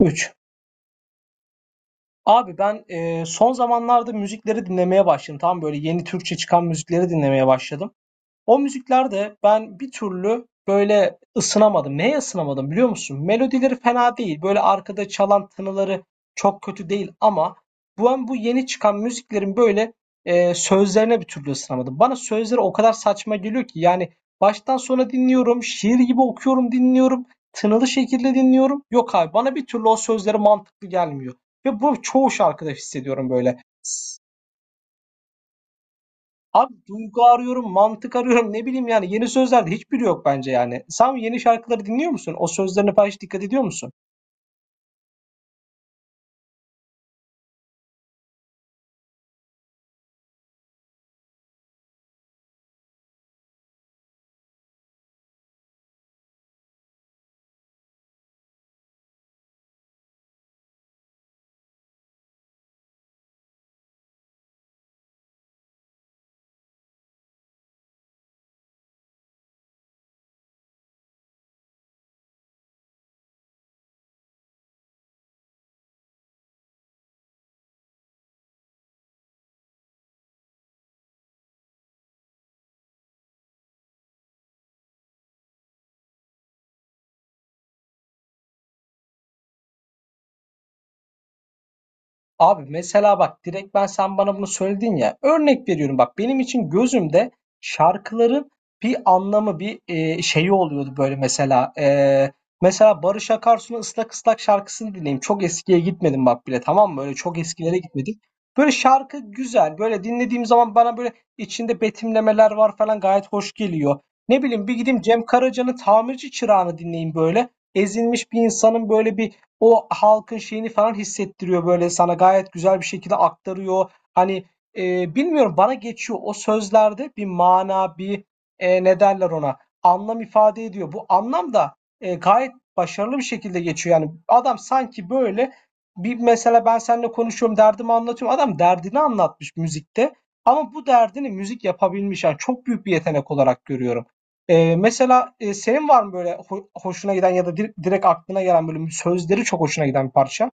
3. Abi ben, son zamanlarda müzikleri dinlemeye başladım. Böyle yeni Türkçe çıkan müzikleri dinlemeye başladım. O müziklerde ben bir türlü böyle ısınamadım. Neye ısınamadım biliyor musun? Melodileri fena değil. Böyle arkada çalan tınıları çok kötü değil ama bu yeni çıkan müziklerin böyle sözlerine bir türlü ısınamadım. Bana sözleri o kadar saçma geliyor ki yani baştan sona dinliyorum, şiir gibi okuyorum, dinliyorum, tınılı şekilde dinliyorum. Yok abi bana bir türlü o sözleri mantıklı gelmiyor. Ve bu çoğu şarkıda hissediyorum böyle. Abi duygu arıyorum, mantık arıyorum. Ne bileyim yani yeni sözlerde hiçbiri yok bence yani. Sen yeni şarkıları dinliyor musun? O sözlerine falan hiç dikkat ediyor musun? Abi mesela bak direkt sen bana bunu söyledin ya. Örnek veriyorum bak benim için gözümde şarkıların bir anlamı bir şeyi oluyordu böyle mesela. Mesela Barış Akarsu'nun ıslak ıslak şarkısını dinleyeyim. Çok eskiye gitmedim bak bile, tamam mı? Öyle çok eskilere gitmedik. Böyle şarkı güzel. Böyle dinlediğim zaman bana böyle içinde betimlemeler var falan, gayet hoş geliyor. Ne bileyim, bir gideyim Cem Karaca'nın Tamirci Çırağı'nı dinleyeyim böyle. Ezilmiş bir insanın böyle bir o halkın şeyini falan hissettiriyor, böyle, sana gayet güzel bir şekilde aktarıyor. Hani, bilmiyorum, bana geçiyor. O sözlerde bir mana, bir, ne derler ona, anlam ifade ediyor. Bu anlam da, gayet başarılı bir şekilde geçiyor. Yani adam sanki, böyle, bir mesela ben seninle konuşuyorum, derdimi anlatıyorum. Adam derdini anlatmış müzikte ama bu derdini müzik yapabilmiş. Yani çok büyük bir yetenek olarak görüyorum. Mesela, senin var mı böyle hoşuna giden ya da direkt aklına gelen böyle sözleri çok hoşuna giden bir parça?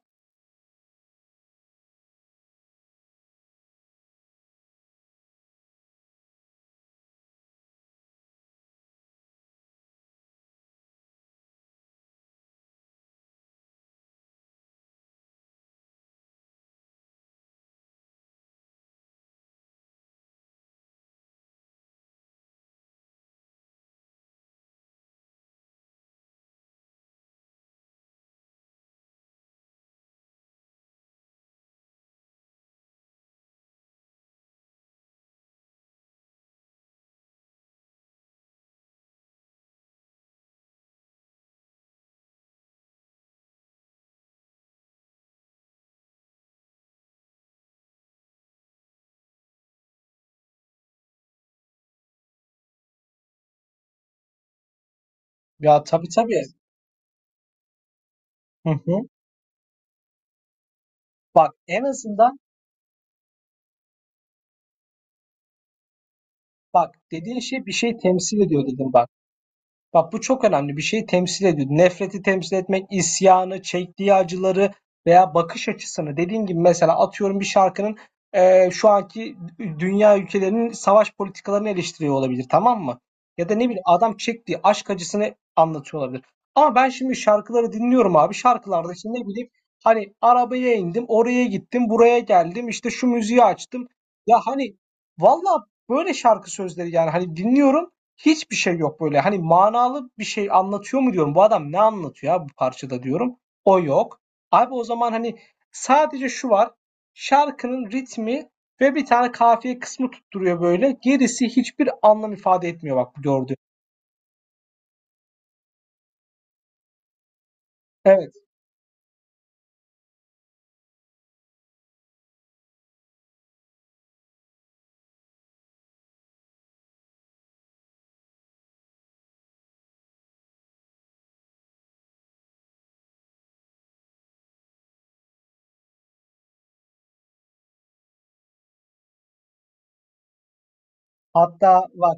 Ya, tabii, tabii. Hı hı. Bak, en azından bak, dediğin şey bir şey temsil ediyor dedim bak. Bak, bu çok önemli. Bir şeyi temsil ediyor. Nefreti temsil etmek, isyanı, çektiği acıları veya bakış açısını. Dediğim gibi mesela atıyorum, bir şarkının şu anki dünya ülkelerinin savaş politikalarını eleştiriyor olabilir, tamam mı? Ya da ne bileyim adam çektiği aşk acısını anlatıyor olabilir. Ama ben şimdi şarkıları dinliyorum abi. Şarkılarda şimdi ne bileyim hani arabaya indim, oraya gittim, buraya geldim, işte şu müziği açtım. Ya hani valla böyle şarkı sözleri, yani hani dinliyorum. Hiçbir şey yok böyle. Hani manalı bir şey anlatıyor mu diyorum. Bu adam ne anlatıyor ya bu parçada diyorum. O yok. Abi o zaman hani sadece şu var. Şarkının ritmi ve bir tane kafiye kısmı tutturuyor böyle. Gerisi hiçbir anlam ifade etmiyor, bak, bu gördüğün. Evet. Hatta var.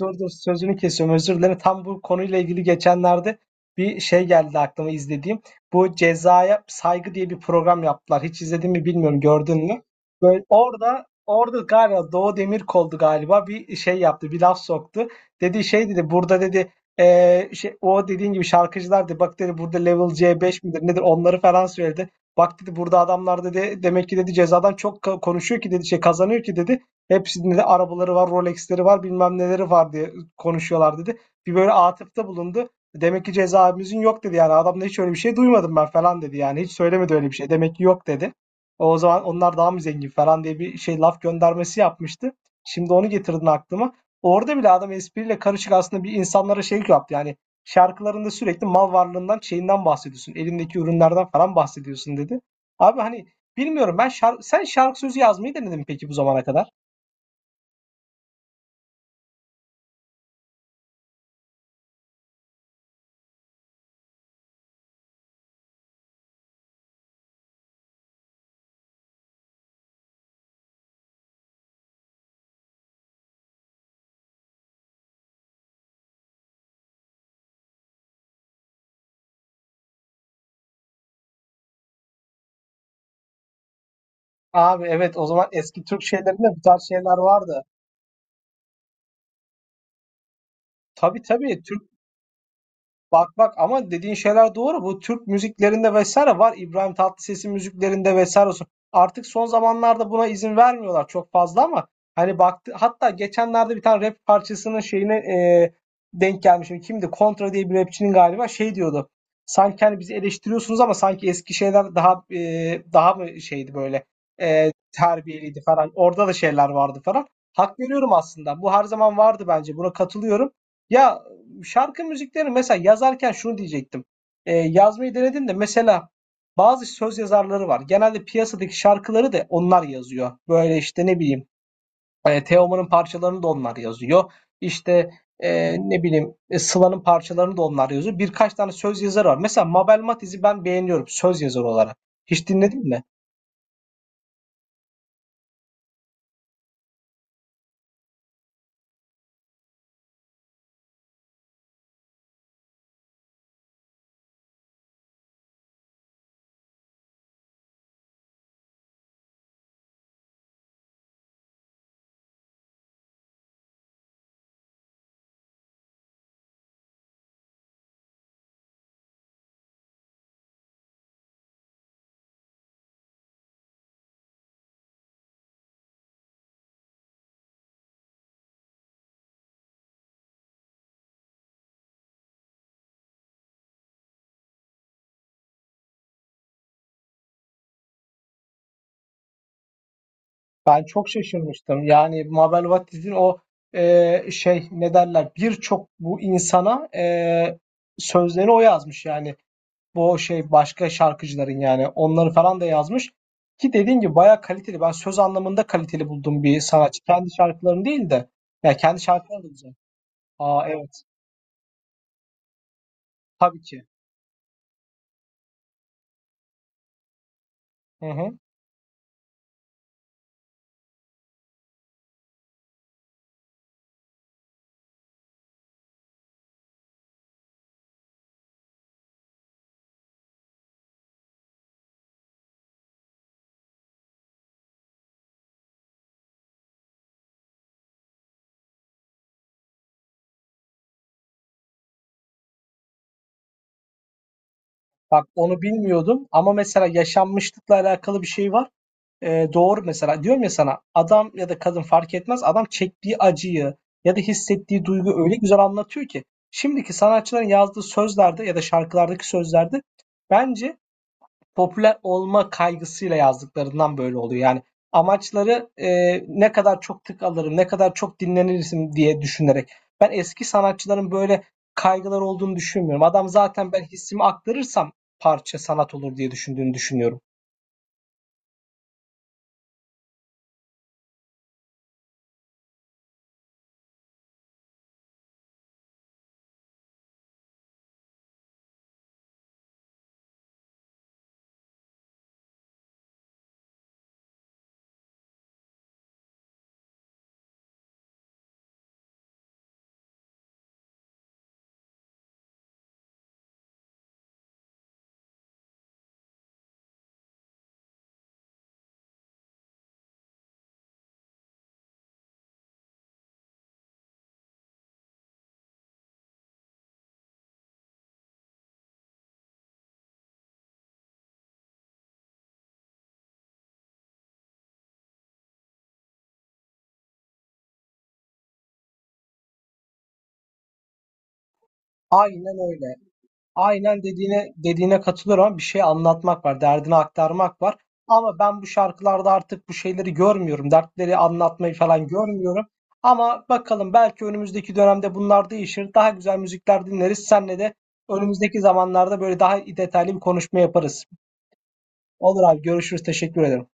Dur dur, sözünü kesiyorum, özür dilerim. Tam bu konuyla ilgili geçenlerde bir şey geldi aklıma, izlediğim. Bu Cezaya Saygı diye bir program yaptılar. Hiç izledin mi bilmiyorum, gördün mü? Böyle orada galiba Doğu Demirkol'du galiba, bir şey yaptı, bir laf soktu. Dedi, şey dedi, burada dedi şey, o dediğin gibi şarkıcılar dedi, bak dedi, burada level C5 midir nedir onları falan söyledi. Bak dedi, burada adamlar dedi, demek ki dedi cezadan çok konuşuyor ki dedi, şey kazanıyor ki dedi. Hepsinde de arabaları var, Rolex'leri var, bilmem neleri var diye konuşuyorlar dedi. Bir böyle atıfta bulundu. Demek ki cezaevimizin yok dedi yani. Adam da hiç öyle bir şey duymadım ben falan dedi yani. Hiç söylemedi öyle bir şey. Demek ki yok dedi. O zaman onlar daha mı zengin falan diye bir şey, laf göndermesi yapmıştı. Şimdi onu getirdin aklıma. Orada bile adam espriyle karışık aslında bir insanlara şey yaptı. Yani şarkılarında sürekli mal varlığından, şeyinden bahsediyorsun. Elindeki ürünlerden falan bahsediyorsun dedi. Abi hani bilmiyorum sen şarkı sözü yazmayı denedin mi peki bu zamana kadar? Abi evet, o zaman eski Türk şeylerinde bu tarz şeyler vardı. Tabii, tabii. Türk. Bak bak, ama dediğin şeyler doğru. Bu Türk müziklerinde vesaire var. İbrahim Tatlıses'in müziklerinde vesaire olsun. Artık son zamanlarda buna izin vermiyorlar çok fazla ama hani baktı, hatta geçenlerde bir tane rap parçasının şeyine denk gelmişim. Kimdi? Kontra diye bir rapçinin galiba şey diyordu. Sanki hani bizi eleştiriyorsunuz ama sanki eski şeyler daha daha mı şeydi böyle terbiyeliydi falan. Orada da şeyler vardı falan. Hak veriyorum aslında. Bu her zaman vardı bence. Buna katılıyorum. Ya şarkı müzikleri mesela yazarken şunu diyecektim. Yazmayı denedim de mesela bazı söz yazarları var. Genelde piyasadaki şarkıları da onlar yazıyor. Böyle işte ne bileyim Teoman'ın parçalarını da onlar yazıyor. İşte ne bileyim Sıla'nın parçalarını da onlar yazıyor. Birkaç tane söz yazarı var. Mesela Mabel Matiz'i ben beğeniyorum söz yazarı olarak. Hiç dinledin mi? Ben çok şaşırmıştım. Yani Mabel Matiz'in o şey ne derler, birçok bu insana sözlerini o yazmış yani. Bu şey başka şarkıcıların yani onları falan da yazmış. Ki dediğim gibi bayağı kaliteli. Ben söz anlamında kaliteli bulduğum bir sanatçı. Kendi şarkılarını değil de. Ya kendi şarkıları da güzel. Aa, evet. Tabii ki. Hı hı. Bak, onu bilmiyordum ama mesela yaşanmışlıkla alakalı bir şey var. Doğru mesela. Diyorum ya sana, adam ya da kadın fark etmez. Adam çektiği acıyı ya da hissettiği duygu öyle güzel anlatıyor ki. Şimdiki sanatçıların yazdığı sözlerde ya da şarkılardaki sözlerde bence popüler olma kaygısıyla yazdıklarından böyle oluyor. Yani amaçları ne kadar çok tık alırım, ne kadar çok dinlenirsin diye düşünerek. Ben eski sanatçıların böyle kaygılar olduğunu düşünmüyorum. Adam zaten, ben hissimi aktarırsam parça sanat olur diye düşündüğünü düşünüyorum. Aynen öyle. Aynen dediğine katılıyorum ama bir şey anlatmak var, derdini aktarmak var. Ama ben bu şarkılarda artık bu şeyleri görmüyorum. Dertleri anlatmayı falan görmüyorum. Ama bakalım, belki önümüzdeki dönemde bunlar değişir. Daha güzel müzikler dinleriz. Senle de önümüzdeki zamanlarda böyle daha detaylı bir konuşma yaparız. Olur abi, görüşürüz. Teşekkür ederim.